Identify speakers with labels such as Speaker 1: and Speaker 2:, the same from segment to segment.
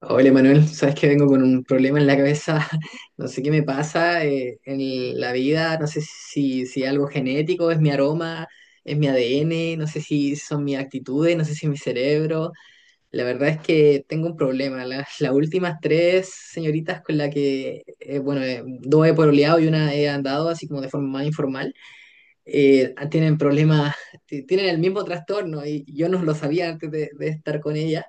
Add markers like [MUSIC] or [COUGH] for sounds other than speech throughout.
Speaker 1: Hola Manuel, sabes que vengo con un problema en la cabeza. [LAUGHS] No sé qué me pasa en la vida. No sé si algo genético, es mi aroma, es mi ADN, no sé si son mis actitudes, no sé si es mi cerebro. La verdad es que tengo un problema. Las últimas tres señoritas con las que, bueno, dos he pololeado y una he andado así como de forma más informal, tienen problemas, tienen el mismo trastorno y yo no lo sabía antes de estar con ella.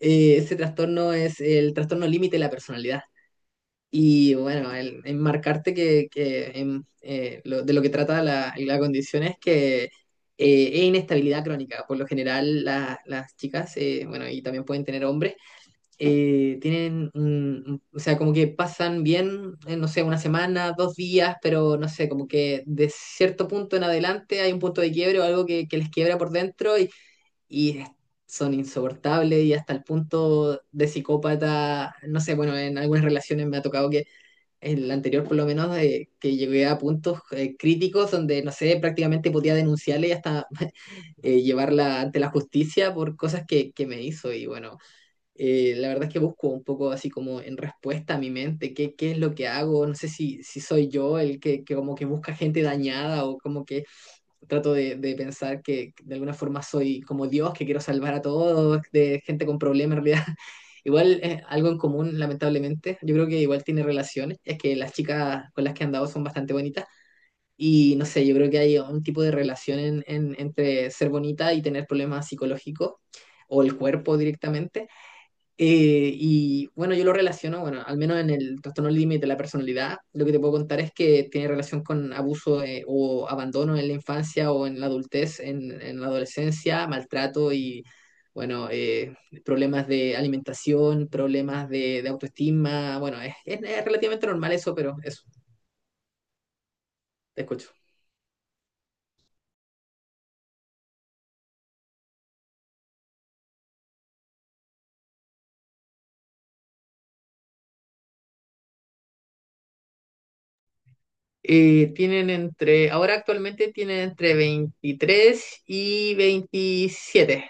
Speaker 1: Ese trastorno es el trastorno límite de la personalidad. Y bueno, el enmarcarte que de lo que trata la condición es que es inestabilidad crónica. Por lo general, las chicas, bueno, y también pueden tener hombres, tienen, o sea, como que pasan bien, no sé, una semana, dos días, pero no sé, como que de cierto punto en adelante hay un punto de quiebre o algo que les quiebra por dentro y es- son insoportables y hasta el punto de psicópata, no sé, bueno, en algunas relaciones me ha tocado que en la anterior por lo menos que llegué a puntos críticos donde, no sé, prácticamente podía denunciarle y hasta [LAUGHS] llevarla ante la justicia por cosas que me hizo. Y bueno, la verdad es que busco un poco así como en respuesta a mi mente, qué es lo que hago, no sé si soy yo el que como que busca gente dañada o como que trato de pensar que de alguna forma soy como Dios, que quiero salvar a todos, de gente con problemas en realidad. [LAUGHS] Igual es algo en común, lamentablemente. Yo creo que igual tiene relaciones. Es que las chicas con las que he andado son bastante bonitas. Y no sé, yo creo que hay un tipo de relación entre ser bonita y tener problemas psicológicos o el cuerpo directamente. Y bueno, yo lo relaciono, bueno, al menos en el trastorno límite de la personalidad, lo que te puedo contar es que tiene relación con abuso o abandono en la infancia o en la adultez, en la adolescencia, maltrato y, bueno, problemas de alimentación, problemas de autoestima, bueno, es relativamente normal eso, pero eso, te escucho. Tienen entre, ahora actualmente tienen entre 23 y 27.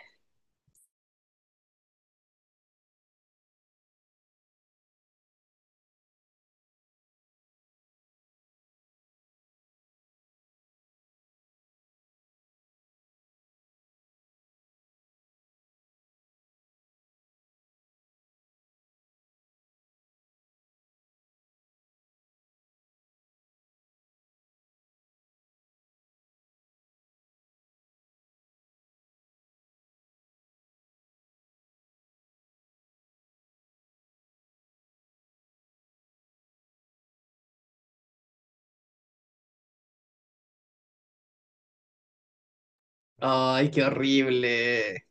Speaker 1: Ay, qué horrible.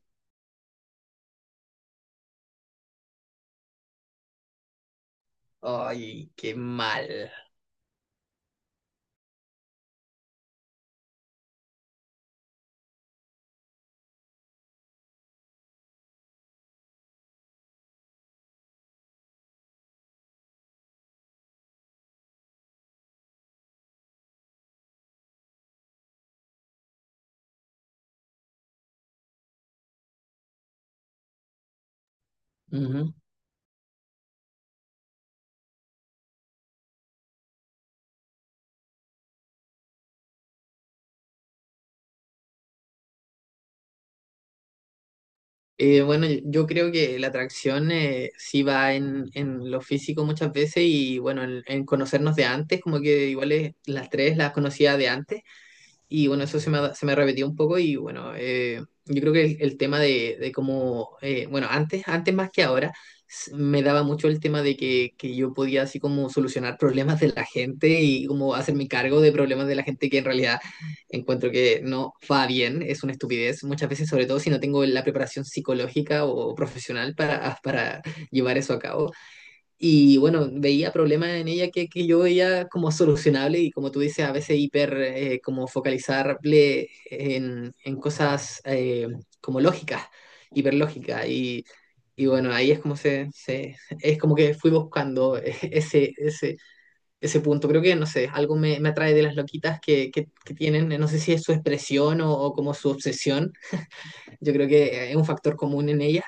Speaker 1: Ay, qué mal. Ujú. Bueno, yo creo que la atracción sí va en lo físico muchas veces y bueno, en conocernos de antes, como que igual las tres las conocía de antes. Y bueno, eso se se me repetió un poco y bueno, yo creo que el tema de cómo, bueno, antes, antes más que ahora, me daba mucho el tema de que yo podía así como solucionar problemas de la gente y como hacerme cargo de problemas de la gente que en realidad encuentro que no va bien, es una estupidez muchas veces, sobre todo si no tengo la preparación psicológica o profesional para llevar eso a cabo. Y bueno, veía problemas en ella que yo veía como solucionable y como tú dices, a veces hiper como focalizable en cosas como lógicas, hiperlógicas. Y bueno, ahí es como es como que fui buscando [LAUGHS] ese punto. Creo que, no sé, algo me atrae de las loquitas que tienen, no sé si es su expresión o como su obsesión. Yo creo que es un factor común en ellas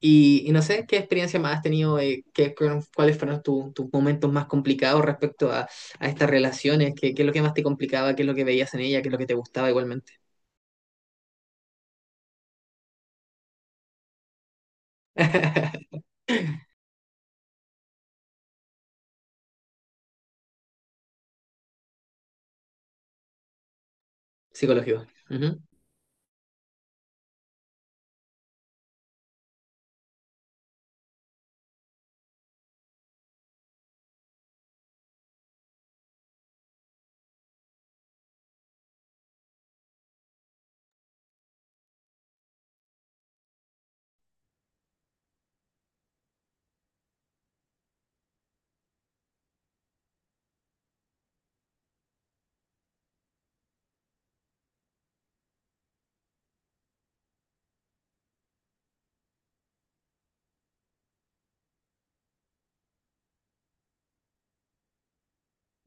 Speaker 1: y no sé, ¿qué experiencia más has tenido? ¿ ¿Cuáles fueron tus momentos más complicados respecto a estas relaciones? ¿Qué es lo que más te complicaba? ¿Qué es lo que veías en ella? ¿Qué es lo que te gustaba igualmente? [LAUGHS] Psicológico.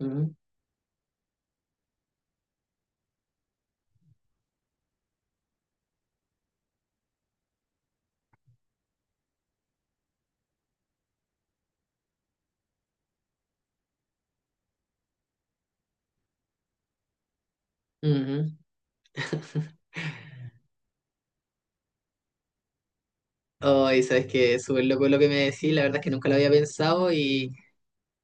Speaker 1: ujú, ujú. [LAUGHS] Ay, sabes que súper loco lo que me decís, la verdad es que nunca lo había pensado. y,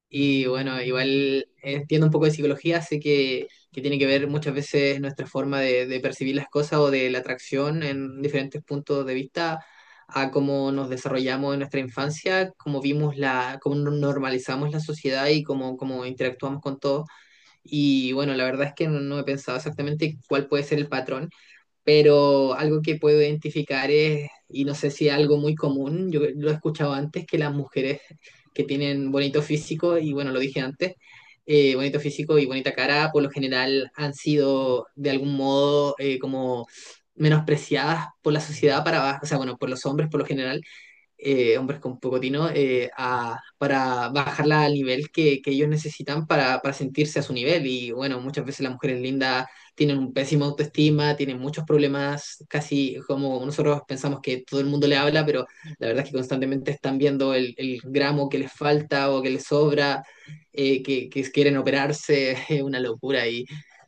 Speaker 1: Y bueno, igual entiendo un poco de psicología, así que tiene que ver muchas veces nuestra forma de percibir las cosas o de la atracción en diferentes puntos de vista a cómo nos desarrollamos en nuestra infancia, cómo vimos la, cómo normalizamos la sociedad y cómo interactuamos con todo. Y bueno, la verdad es que no, no he pensado exactamente cuál puede ser el patrón, pero algo que puedo identificar es, y no sé si es algo muy común, yo lo he escuchado antes, que las mujeres que tienen bonito físico, y bueno, lo dije antes, bonito físico y bonita cara, por lo general han sido de algún modo como menospreciadas por la sociedad para abajo, o sea, bueno, por los hombres por lo general, hombres con poco tino, para bajarla al nivel que ellos necesitan para sentirse a su nivel. Y bueno, muchas veces las mujeres lindas tienen un pésimo autoestima, tienen muchos problemas, casi como nosotros pensamos que todo el mundo le habla, pero la verdad es que constantemente están viendo el gramo que les falta o que les sobra, que quieren operarse, [LAUGHS] es una locura.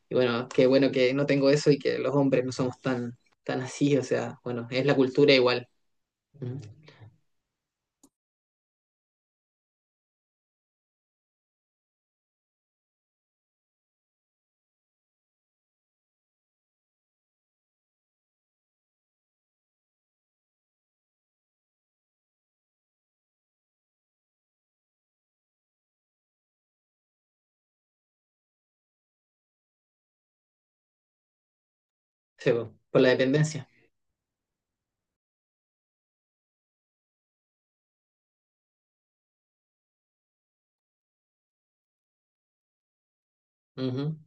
Speaker 1: Y bueno, qué bueno que no tengo eso y que los hombres no somos tan, tan así, o sea, bueno, es la cultura igual. Ujú. Sí, po, por la dependencia. Ujú.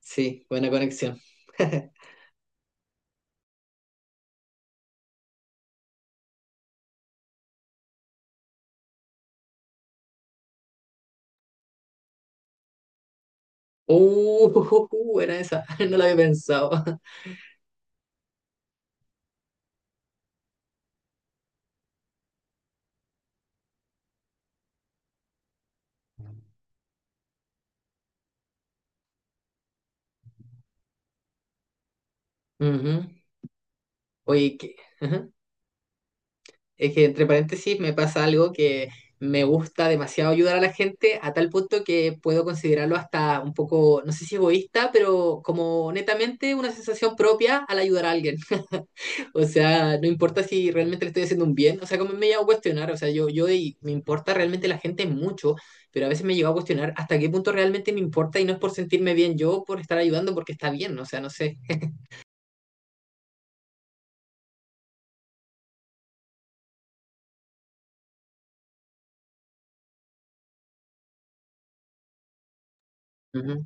Speaker 1: Sí, buena conexión. [LAUGHS] Buena esa, [LAUGHS] no la había pensado. Ujú. Oye, que, ajá. Es que entre paréntesis me pasa algo que me gusta demasiado ayudar a la gente a tal punto que puedo considerarlo hasta un poco, no sé si egoísta, pero como netamente una sensación propia al ayudar a alguien. O sea, no importa si realmente le estoy haciendo un bien. O sea, como me he llegado a cuestionar, o sea, yo y me importa realmente la gente mucho, pero a veces me he llegado a cuestionar hasta qué punto realmente me importa y no es por sentirme bien yo, por estar ayudando, porque está bien, o sea, no sé. Ujú.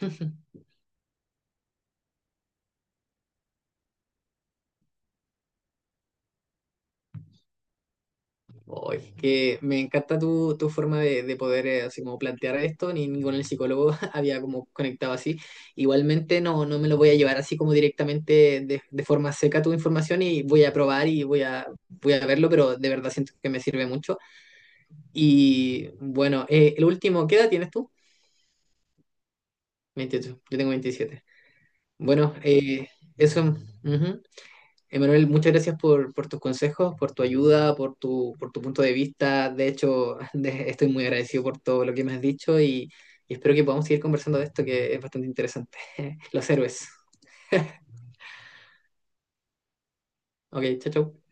Speaker 1: [LAUGHS] Oh, es que me encanta tu, tu forma de poder así como plantear esto, ni con el psicólogo [LAUGHS] había como conectado así. Igualmente no, no me lo voy a llevar así como directamente de forma seca tu información y voy a probar y voy a, voy a verlo, pero de verdad siento que me sirve mucho. Y bueno, el último, ¿qué edad tienes tú? veintiocho, yo tengo 27. Bueno, eso, ujú. Emanuel, muchas gracias por tus consejos, por tu ayuda, por tu punto de vista. De hecho, [LAUGHS] estoy muy agradecido por todo lo que me has dicho y espero que podamos seguir conversando de esto que es bastante interesante. [LAUGHS] Los héroes. Ok, chao, chao.